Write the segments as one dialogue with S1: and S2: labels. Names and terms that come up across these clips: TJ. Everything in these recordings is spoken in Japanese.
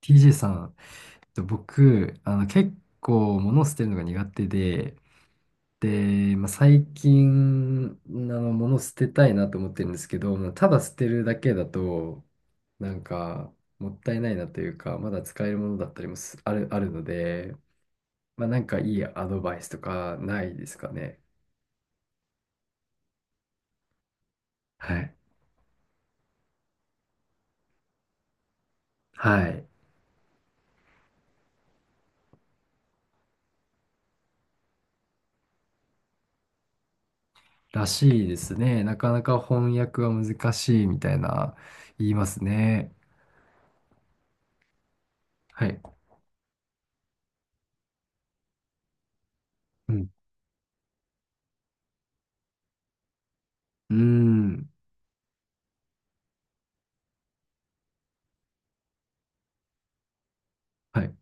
S1: TJ さん、僕、結構物を捨てるのが苦手で、で、まあ、最近、物を捨てたいなと思ってるんですけど、まあただ捨てるだけだと、なんか、もったいないなというか、まだ使えるものだったりもすある、あるので、まあ、なんかいいアドバイスとかないですかね。はい。はい。らしいですね。なかなか翻訳は難しいみたいな言いますね。はい。うん。うーん。はい。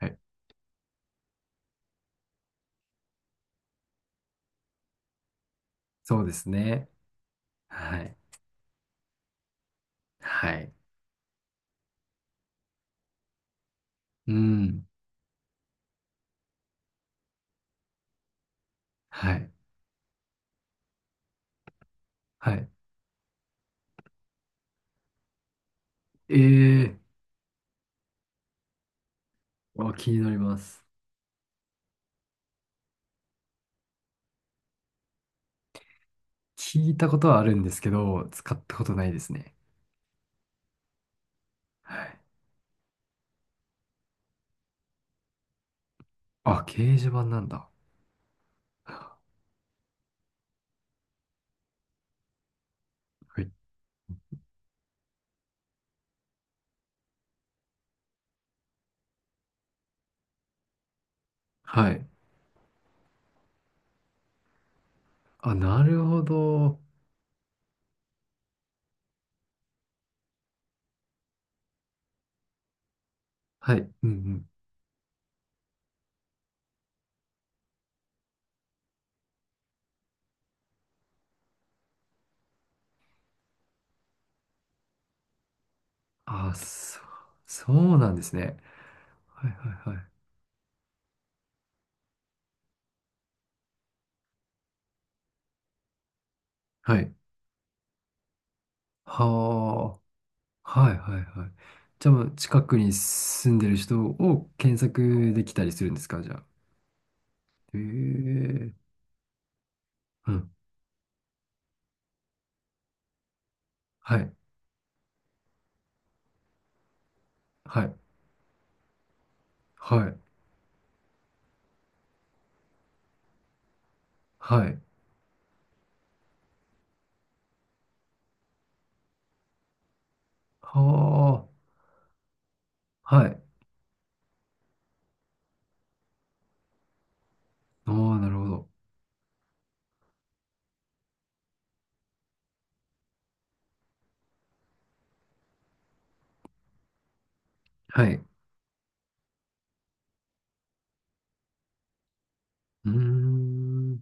S1: はい。そうですね。はい。はい。うん。はい。はい。ええー、あ、気になります。聞いたことはあるんですけど、使ったことないですね。はい。あ、掲示板なんだ。はい。はい。あ、なるほど。はい。うんうん。あ、そう、そうなんですね。はいはいはい。はい。はあ。はいはいはい。じゃあ、もう近くに住んでる人を検索できたりするんですか、じゃあ？ええ。うん。はい、はい、はい、はい。はあ、はい。ああ、なるほど。はい。うーん。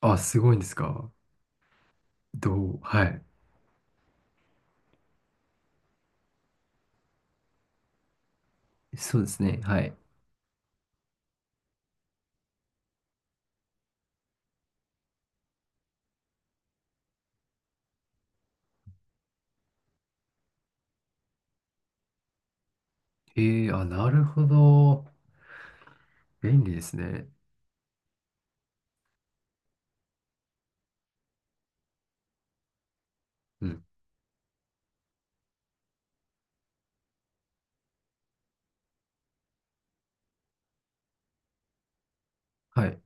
S1: あ、すごいんですか？どう、はい。そうですね。はい。ええ、あ、なるほど。便利ですね。うん。はい。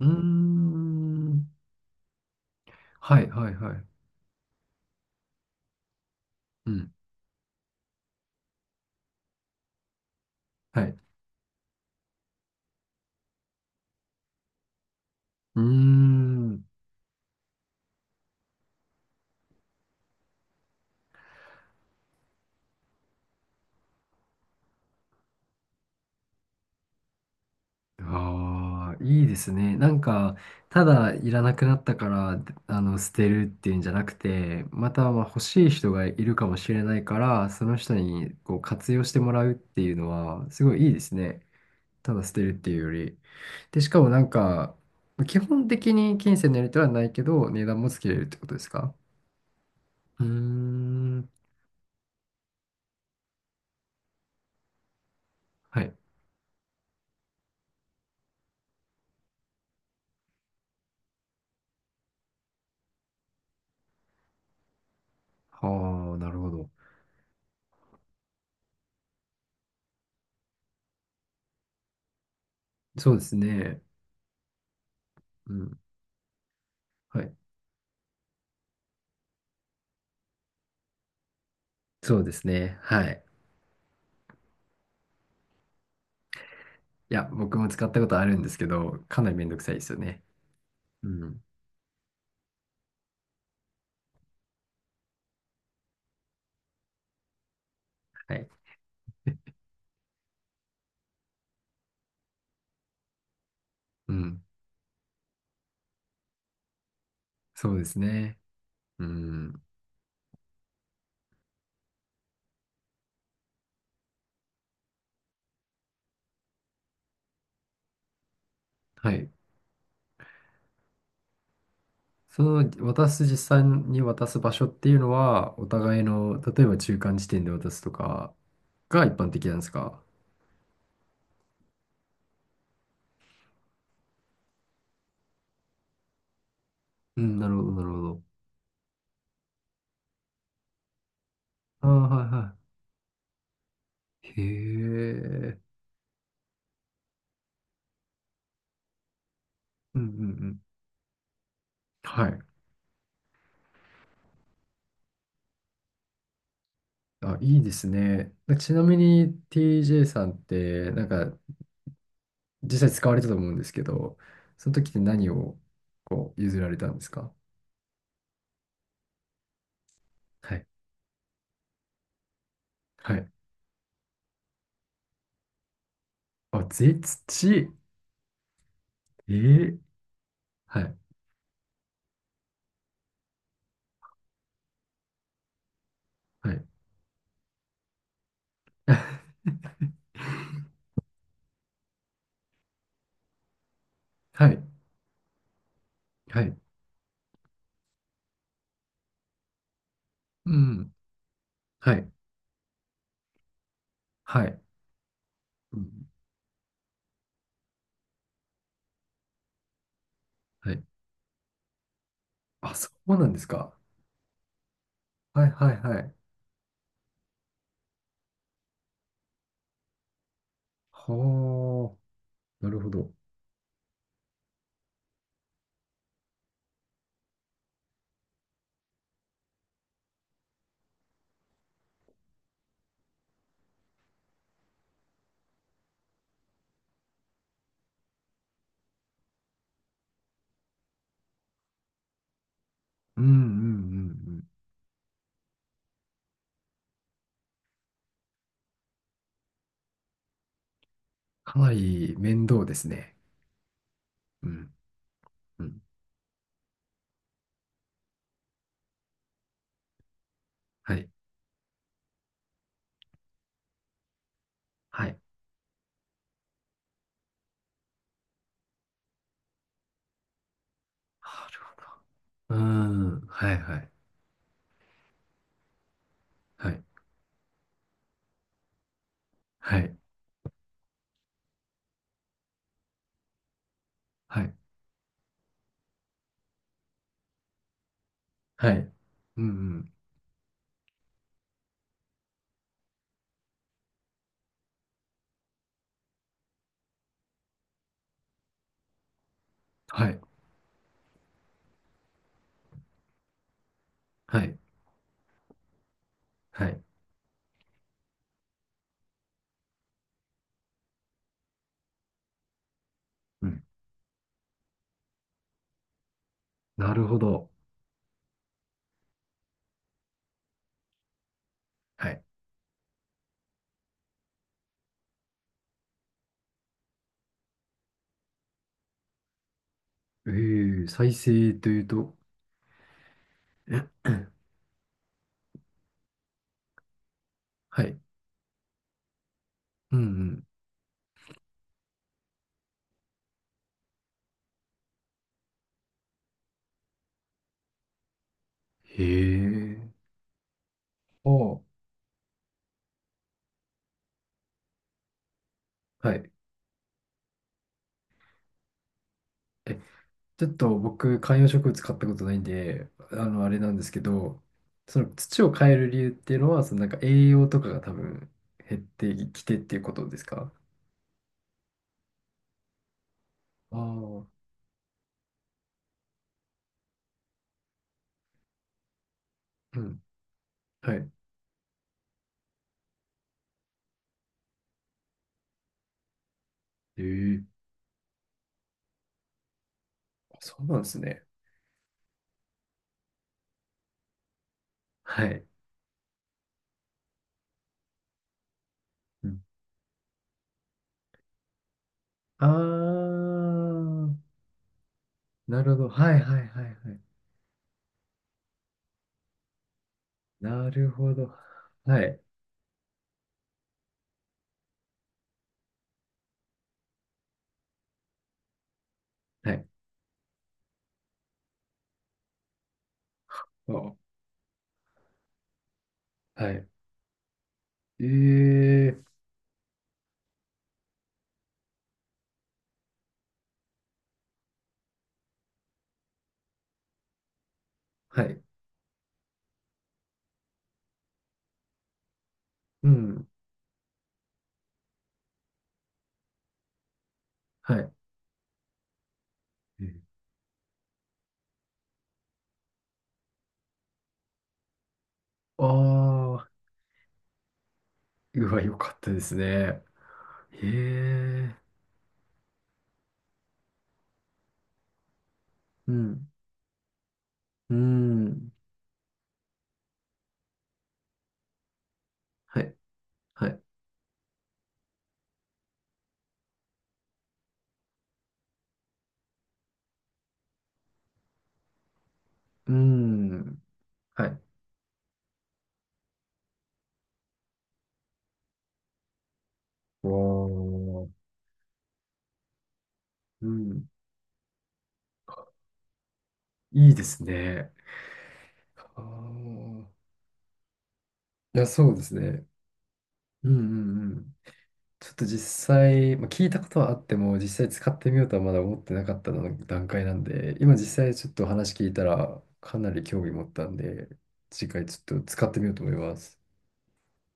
S1: うーん。はい、はい、はい。うん。はい。うーん。ああ、いいですね。なんか、ただいらなくなったから、あの、捨てるっていうんじゃなくて、また、まあ、欲しい人がいるかもしれないから、その人に、こう、活用してもらうっていうのは、すごいいいですね。ただ捨てるっていうより。で、しかもなんか、基本的に金銭のやり取りはないけど、値段もつけれるってことですか？うーん。はい。はあ、なるほど。そうですね。うん。はい。そうですね。はい。いや、僕も使ったことあるんですけど、かなりめんどくさいですよね。うん。はい。うん。そうですね。うん。はい。その、渡す、実際に渡す場所っていうのは、お互いの、例えば中間地点で渡すとかが一般的なんですか？うん、なるほど、なるほど。ああ、はいはい。へえ。うんうんうん。はい。あ、いいですね。ちなみに TJ さんって、なんか、実際使われたと思うんですけど、その時って何をこう譲られたんですか？はい。はい。あ、土。えー、はい。はい。はい。はい。うん。はい。はい。うん。はい。あ、そうなんですか？はいはいはい。はあ。なるほど。うんうんうんうん。かなり面倒ですね。うん。うん。はい。はい。なるほど。うーん。はいはい。はい。はい。はい。はい。うんうん。はい。はい。はい。うん。なるほど。うん。はい。えー、再生というと？はい。うんうん。へえ。おー。はい。え、ちょっと僕、観葉植物買ったことないんで、あの、あれなんですけど、その土を変える理由っていうのは、そのなんか栄養とかが多分減ってきてっていうことですか？ああー、うん。はい。ええ。あ、そうなんですね。はい。うん。あー、なるほど。はいはいはいはい。なるほど。はい。はい。お、はい。ええ。はい。うん。はい。う。ああー、うわ、よかったですね。へえ。うん。うん。はい。はい。うん。はい。わあ。うん。いいですね。ああ。いや、そうですね。うんうんうん。ちょっと実際、まあ、聞いたことはあっても、実際使ってみようとはまだ思ってなかったの段階なんで、今実際ちょっと話聞いたら、かなり興味持ったんで、次回ちょっと使ってみようと思います。